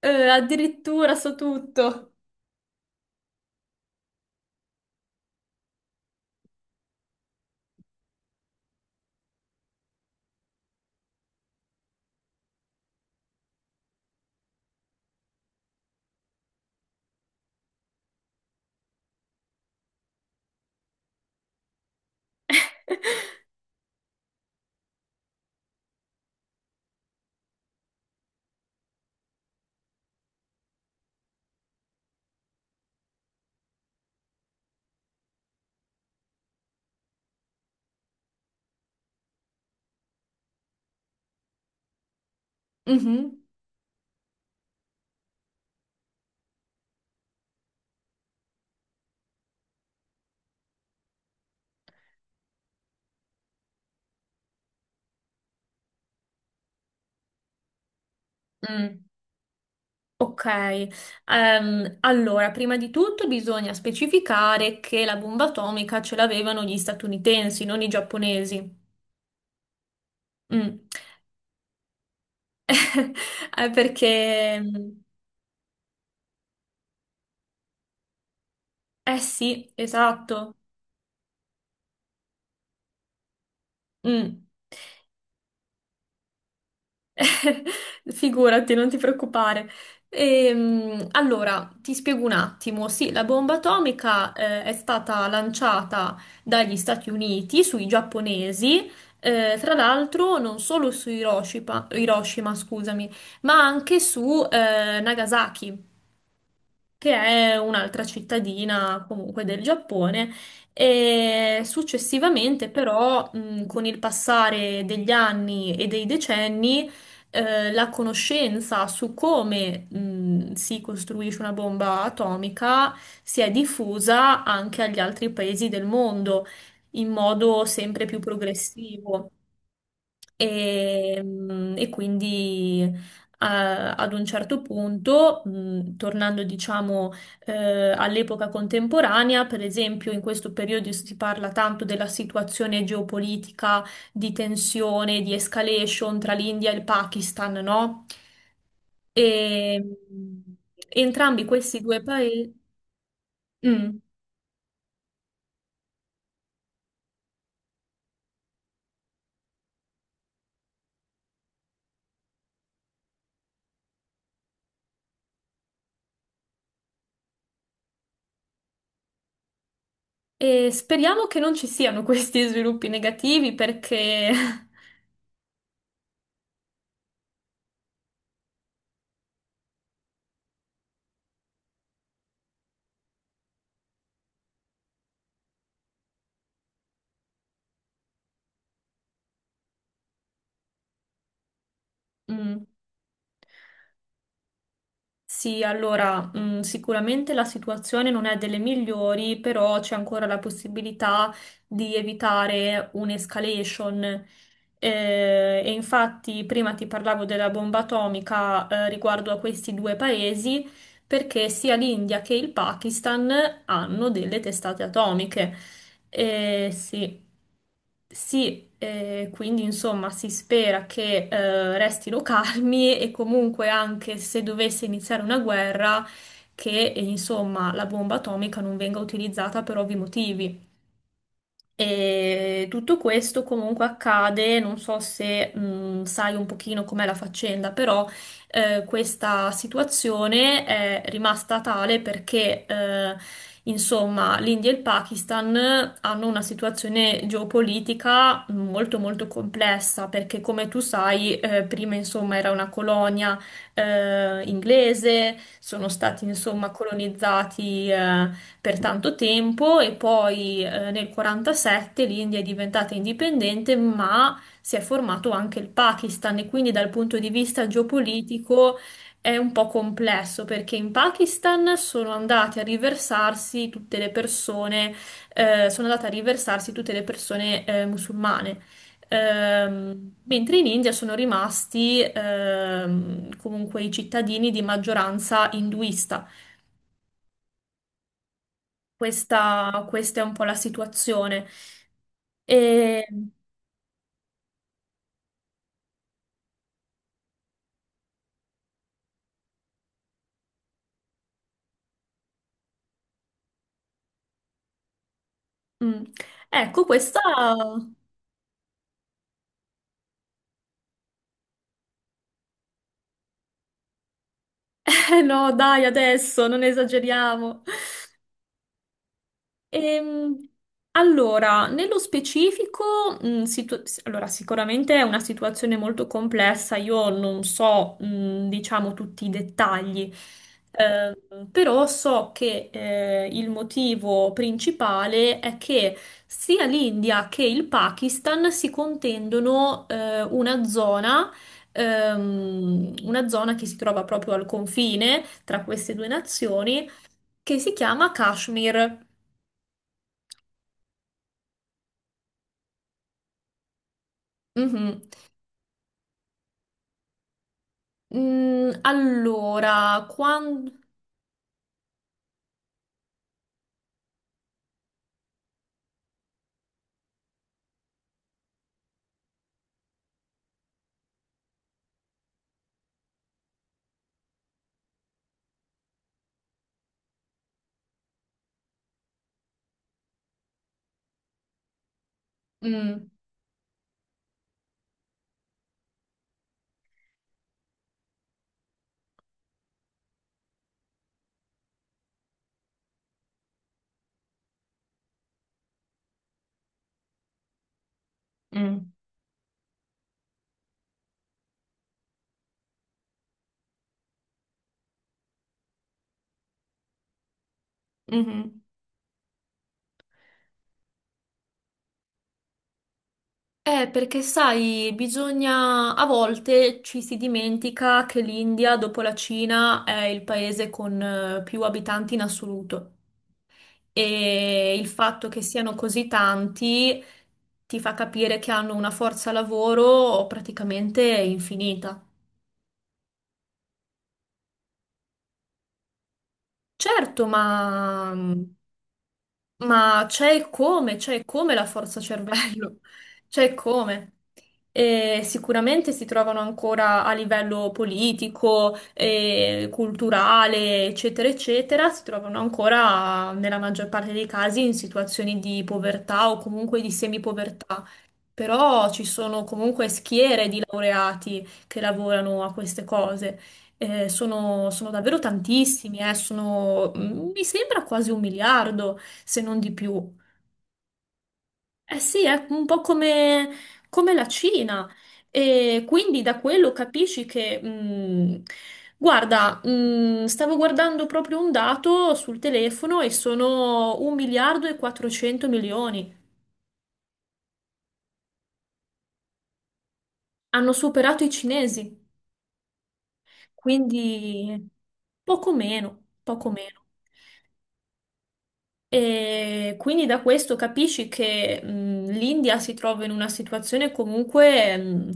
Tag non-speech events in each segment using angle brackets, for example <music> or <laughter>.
Addirittura so tutto. Mhm. Mm. Ok, allora, prima di tutto bisogna specificare che la bomba atomica ce l'avevano gli statunitensi, non i giapponesi. Mm. <laughs> Eh, perché, mm, eh sì, esatto. Mm. <laughs> Figurati, non ti preoccupare. Allora, ti spiego un attimo. Sì, la bomba atomica, è stata lanciata dagli Stati Uniti sui giapponesi, tra l'altro non solo su Hiroshima, Hiroshima, scusami, ma anche su Nagasaki, che è un'altra cittadina comunque del Giappone. E successivamente però con il passare degli anni e dei decenni, la conoscenza su come si costruisce una bomba atomica si è diffusa anche agli altri paesi del mondo in modo sempre più progressivo. E quindi ad un certo punto, tornando diciamo all'epoca contemporanea. Per esempio, in questo periodo si parla tanto della situazione geopolitica di tensione, di escalation tra l'India e il Pakistan, no? E mh, entrambi questi due paesi... Mm. E speriamo che non ci siano questi sviluppi negativi perché... <laughs> Mm. Sì, allora, sicuramente la situazione non è delle migliori, però c'è ancora la possibilità di evitare un'escalation. E infatti prima ti parlavo della bomba atomica, riguardo a questi due paesi, perché sia l'India che il Pakistan hanno delle testate atomiche. Sì. Sì, quindi insomma si spera che restino calmi e comunque, anche se dovesse iniziare una guerra, che insomma la bomba atomica non venga utilizzata per ovvi motivi. E tutto questo comunque accade, non so se sai un pochino com'è la faccenda, però questa situazione è rimasta tale perché insomma l'India e il Pakistan hanno una situazione geopolitica molto molto complessa, perché come tu sai prima insomma era una colonia inglese, sono stati insomma colonizzati per tanto tempo. E poi nel '47 l'India è diventata indipendente, ma si è formato anche il Pakistan, e quindi dal punto di vista geopolitico è un po' complesso, perché in Pakistan sono andate a riversarsi tutte le persone musulmane. Mentre in India sono rimasti comunque i cittadini di maggioranza induista. Questa è un po' la situazione. E, mm, ecco, questa... <laughs> Eh no, dai, adesso non esageriamo. Ehm, allora, nello specifico, allora, sicuramente è una situazione molto complessa, io non so, diciamo, tutti i dettagli, però so che il motivo principale è che sia l'India che il Pakistan si contendono una zona che si trova proprio al confine tra queste due nazioni, che si chiama Kashmir. Mhm. Allora, quando... Mm, mm, mhm. Perché sai, bisogna... A volte ci si dimentica che l'India, dopo la Cina, è il paese con più abitanti in assoluto. E il fatto che siano così tanti ti fa capire che hanno una forza lavoro praticamente infinita. Certo, ma c'è il come la forza cervello, <laughs> c'è il come. E sicuramente si trovano ancora a livello politico, culturale, eccetera, eccetera, si trovano ancora nella maggior parte dei casi in situazioni di povertà o comunque di semipovertà. Però ci sono comunque schiere di laureati che lavorano a queste cose. Sono davvero tantissimi, mi sembra quasi un miliardo, se non di più. Eh sì, è un po' come la Cina. E quindi da quello capisci che, guarda, stavo guardando proprio un dato sul telefono, e sono un miliardo e 400 milioni. Hanno superato i cinesi. Quindi poco meno, poco meno. E quindi da questo capisci che l'India si trova in una situazione comunque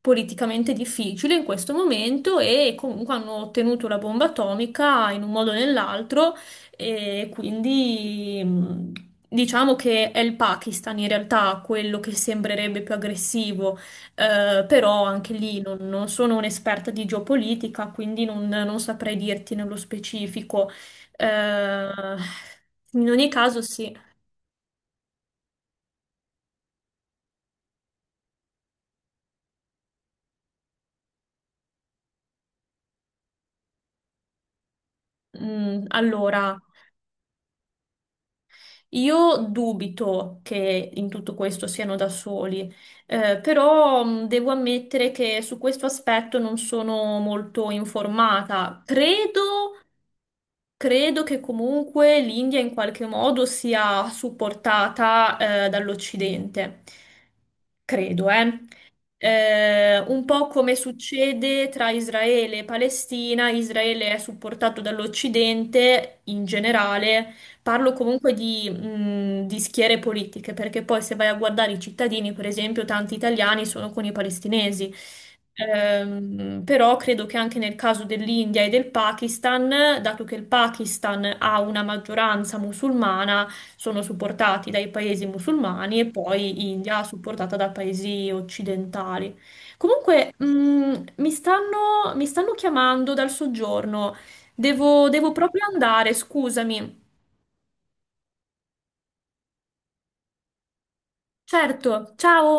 politicamente difficile in questo momento, e comunque hanno ottenuto la bomba atomica in un modo o nell'altro, e quindi diciamo che è il Pakistan in realtà quello che sembrerebbe più aggressivo, però anche lì non sono un'esperta di geopolitica, quindi non saprei dirti nello specifico. Eh, in ogni caso, sì. Allora, io dubito che in tutto questo siano da soli, però devo ammettere che su questo aspetto non sono molto informata. Credo. Credo che comunque l'India in qualche modo sia supportata dall'Occidente. Credo, eh. Un po' come succede tra Israele e Palestina, Israele è supportato dall'Occidente in generale, parlo comunque di schiere politiche, perché poi se vai a guardare i cittadini, per esempio, tanti italiani sono con i palestinesi. Però credo che anche nel caso dell'India e del Pakistan, dato che il Pakistan ha una maggioranza musulmana, sono supportati dai paesi musulmani, e poi India supportata da paesi occidentali. Comunque, mi stanno chiamando dal soggiorno. Devo proprio andare, scusami. Certo, ciao!